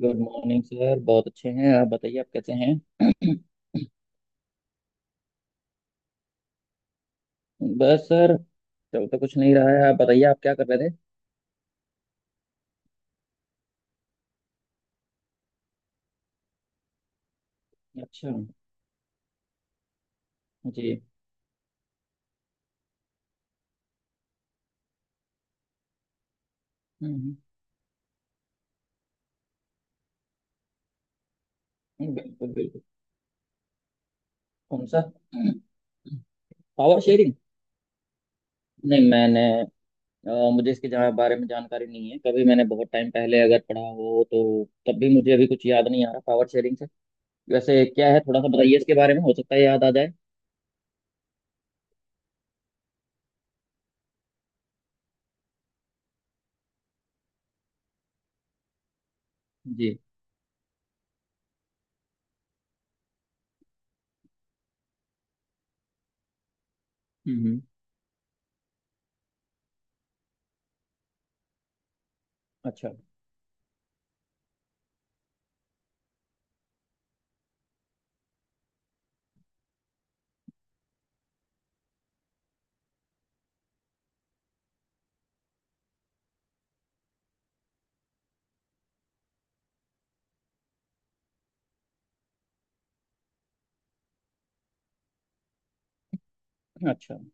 Good morning sir. बहुत अच्छे हैं। आप बताइए, आप कैसे हैं? बस सर, चल तो कुछ नहीं रहा है। आप बताइए, आप क्या कर रहे थे? अच्छा। जी। हम्म। बिल्कुल बिल्कुल। कौन सा? Power sharing. नहीं, मैंने अ, मुझे इसके जहाँ बारे में जानकारी नहीं है। कभी मैंने बहुत टाइम पहले अगर पढ़ा हो तो तब भी मुझे अभी कुछ याद नहीं आ रहा पावर शेयरिंग से। वैसे क्या है, थोड़ा सा बताइए इसके बारे में। हो सकता है याद आ जाए। जी। हम्म। अच्छा। अच्छा। हम्म।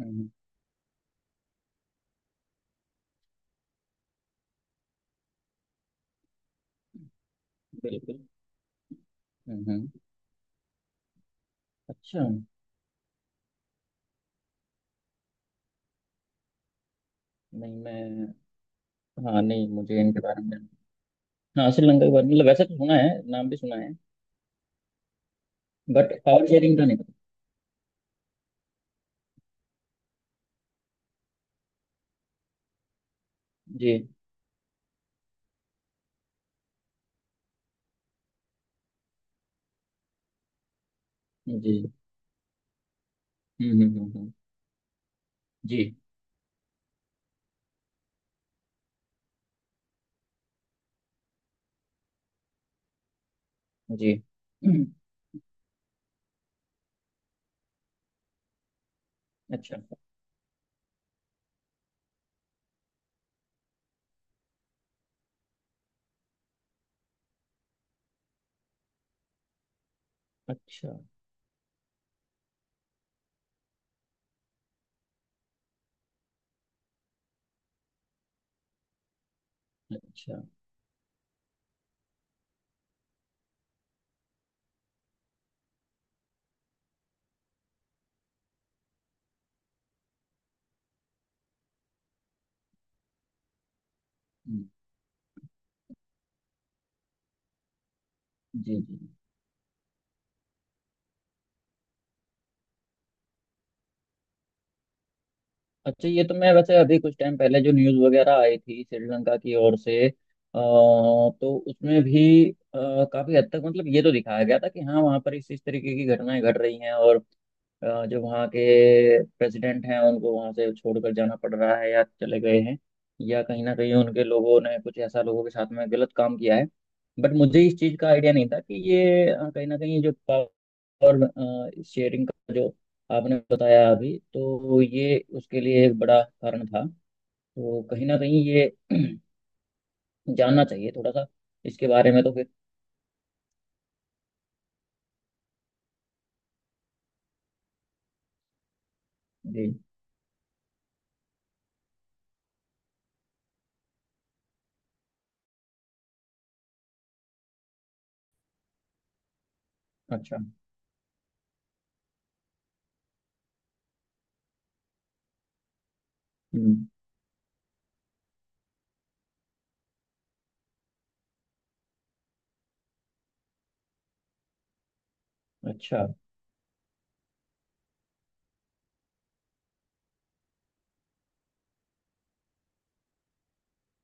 हम्म। बिल्कुल। हम्म। हम्म। अच्छा। नहीं मैं हाँ, नहीं मुझे इनके बारे में जानना। हाँ, श्रीलंका के बारे में मतलब वैसे तो सुना है, नाम भी सुना है। बट पावर शेयरिंग का नहीं पता। जी। जी। हम्म। हम्म। हम्म। हम्म। जी। जी। हम्म। अच्छा। अच्छा। अच्छा। हम्म। जी। जी। अच्छा, ये तो मैं वैसे अभी कुछ टाइम पहले जो न्यूज़ वगैरह आई थी श्रीलंका की ओर से, तो उसमें भी काफी हद तक मतलब ये तो दिखाया गया था कि हाँ, वहाँ पर इस तरीके की घटनाएं घट रही हैं। और जो वहाँ के प्रेसिडेंट हैं, उनको वहाँ से छोड़कर जाना पड़ रहा है या चले गए हैं, या कहीं ना कहीं उनके लोगों ने कुछ ऐसा लोगों के साथ में गलत काम किया है। बट मुझे इस चीज़ का आइडिया नहीं था कि ये कहीं ना कहीं जो पावर शेयरिंग का जो आपने बताया अभी, तो ये उसके लिए एक बड़ा कारण था। तो कहीं ना कहीं ये जानना चाहिए थोड़ा सा इसके बारे में तो फिर। जी। अच्छा। हम्म। अच्छा।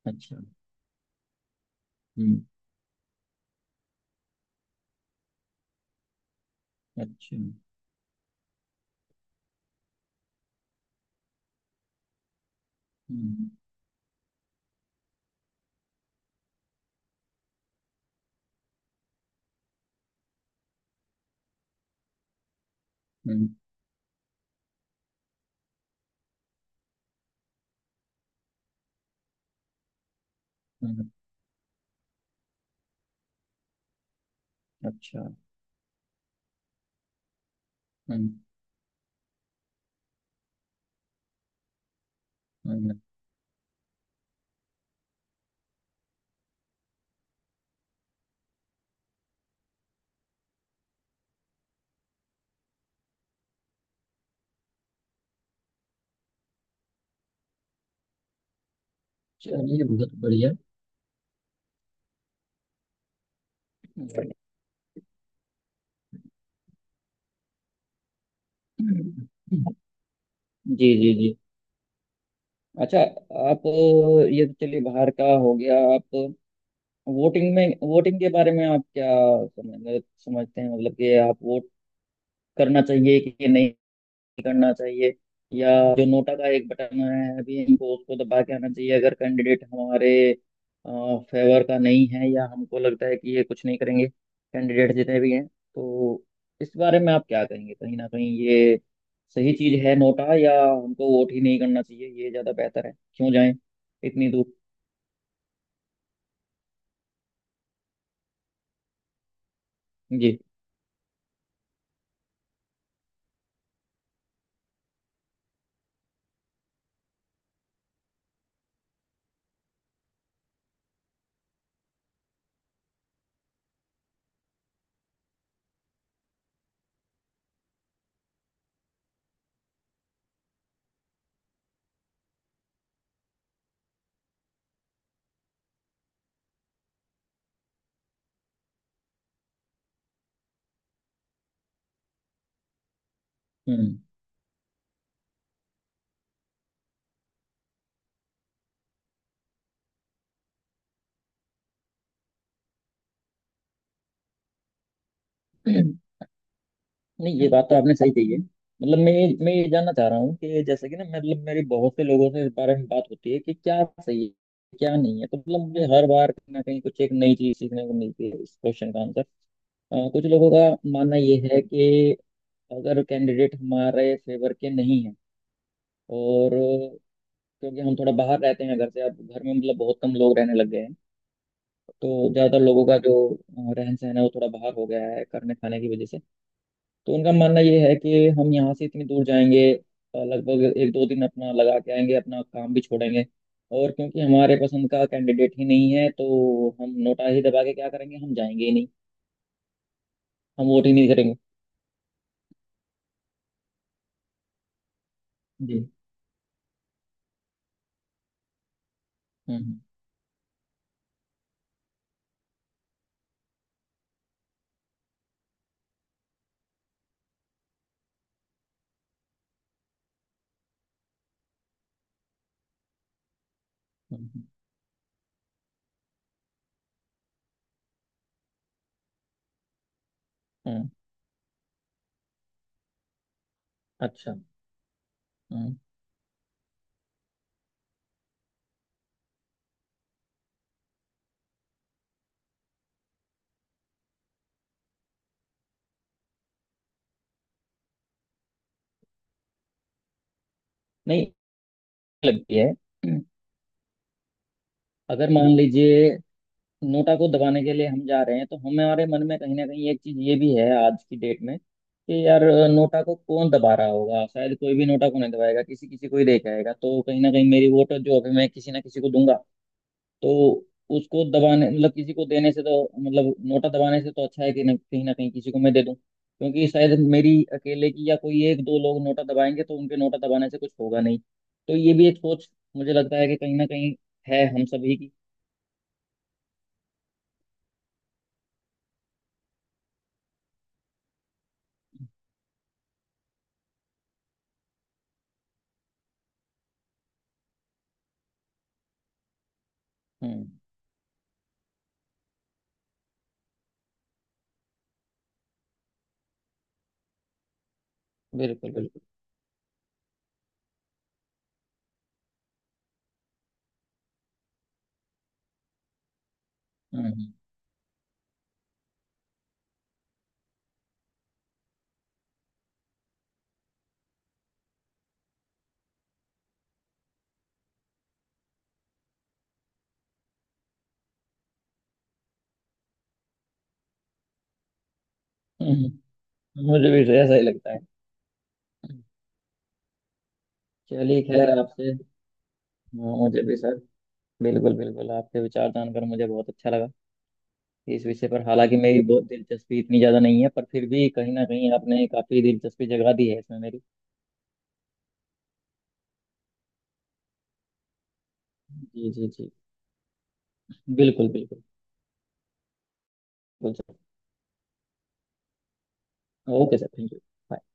अच्छा। हम्म। अच्छा। हम्म। हम्म। हम्म। अच्छा। हम्म। हम्म। चलिए, बहुत बढ़िया। जी। जी। जी। अच्छा। आप ये तो चलिए बाहर का हो गया। आप वोटिंग में, वोटिंग के बारे में आप क्या समझते हैं मतलब कि आप वोट करना चाहिए कि नहीं करना चाहिए, या जो नोटा का एक बटन है अभी, इनको उसको दबा के आना चाहिए अगर कैंडिडेट हमारे फेवर का नहीं है, या हमको लगता है कि ये कुछ नहीं करेंगे कैंडिडेट जितने भी हैं, तो इस बारे में आप क्या कहेंगे? कहीं ना कहीं ये सही चीज है नोटा, या हमको वोट ही नहीं करना चाहिए, ये ज्यादा बेहतर है? क्यों जाएं इतनी दूर? जी। हम्म। नहीं, ये बात तो आपने सही कही है। मतलब मैं ये जानना चाह रहा हूँ कि जैसे कि ना, मतलब मेरे बहुत से लोगों से इस बारे में बात होती है कि क्या सही है क्या नहीं है। तो मतलब मुझे हर बार कहीं ना कहीं कुछ एक नई चीज सीखने को मिलती है इस क्वेश्चन का आंसर। कुछ लोगों का मानना ये है कि अगर कैंडिडेट हमारे फेवर के नहीं है, और क्योंकि हम थोड़ा बाहर रहते हैं घर से, अब घर में मतलब बहुत कम लोग रहने लग गए हैं, तो ज़्यादातर लोगों का जो रहन सहन है वो थोड़ा बाहर हो गया है करने खाने की वजह से। तो उनका मानना ये है कि हम यहाँ से इतनी दूर जाएंगे, लगभग एक दो दिन अपना लगा के आएंगे, अपना काम भी छोड़ेंगे, और क्योंकि हमारे पसंद का कैंडिडेट ही नहीं है तो हम नोटा ही दबा के क्या करेंगे, हम जाएंगे ही नहीं, हम वोट ही नहीं करेंगे। जी। हम्म। हम्म। हम्म। हम्म। अच्छा। हम्म। नहीं लगती है। अगर मान लीजिए, नोटा को दबाने के लिए हम जा रहे हैं तो हमारे मन में कहीं ना कहीं एक चीज ये भी है आज की डेट में कि यार, नोटा को कौन दबा रहा होगा? शायद कोई भी नोटा को नहीं दबाएगा, किसी किसी को ही लेके आएगा। तो कहीं ना कहीं मेरी वोट जो अभी मैं किसी ना किसी को दूंगा, तो उसको दबाने मतलब किसी को देने से तो मतलब नोटा दबाने से तो अच्छा है कि कहीं ना कहीं किसी को मैं दे दूं, क्योंकि शायद मेरी अकेले की या कोई एक दो लोग नोटा दबाएंगे तो उनके नोटा दबाने से कुछ होगा नहीं। तो ये भी एक सोच मुझे लगता है कि कहीं ना कहीं है हम सभी की। हम्म। बिल्कुल बिल्कुल। हम्म। हम्म। मुझे भी तो ऐसा ही लगता है। चलिए खैर आपसे। हाँ, मुझे भी सर। बिल्कुल बिल्कुल, आपके विचार जानकर मुझे बहुत अच्छा लगा। इस विषय पर हालांकि मेरी बहुत दिलचस्पी इतनी ज़्यादा नहीं है, पर फिर भी कहीं ना कहीं आपने काफ़ी दिलचस्पी जगा दी है इसमें मेरी। जी। जी। जी। बिल्कुल बिल्कुल। बिल्कुल sir, okay sir, thank you.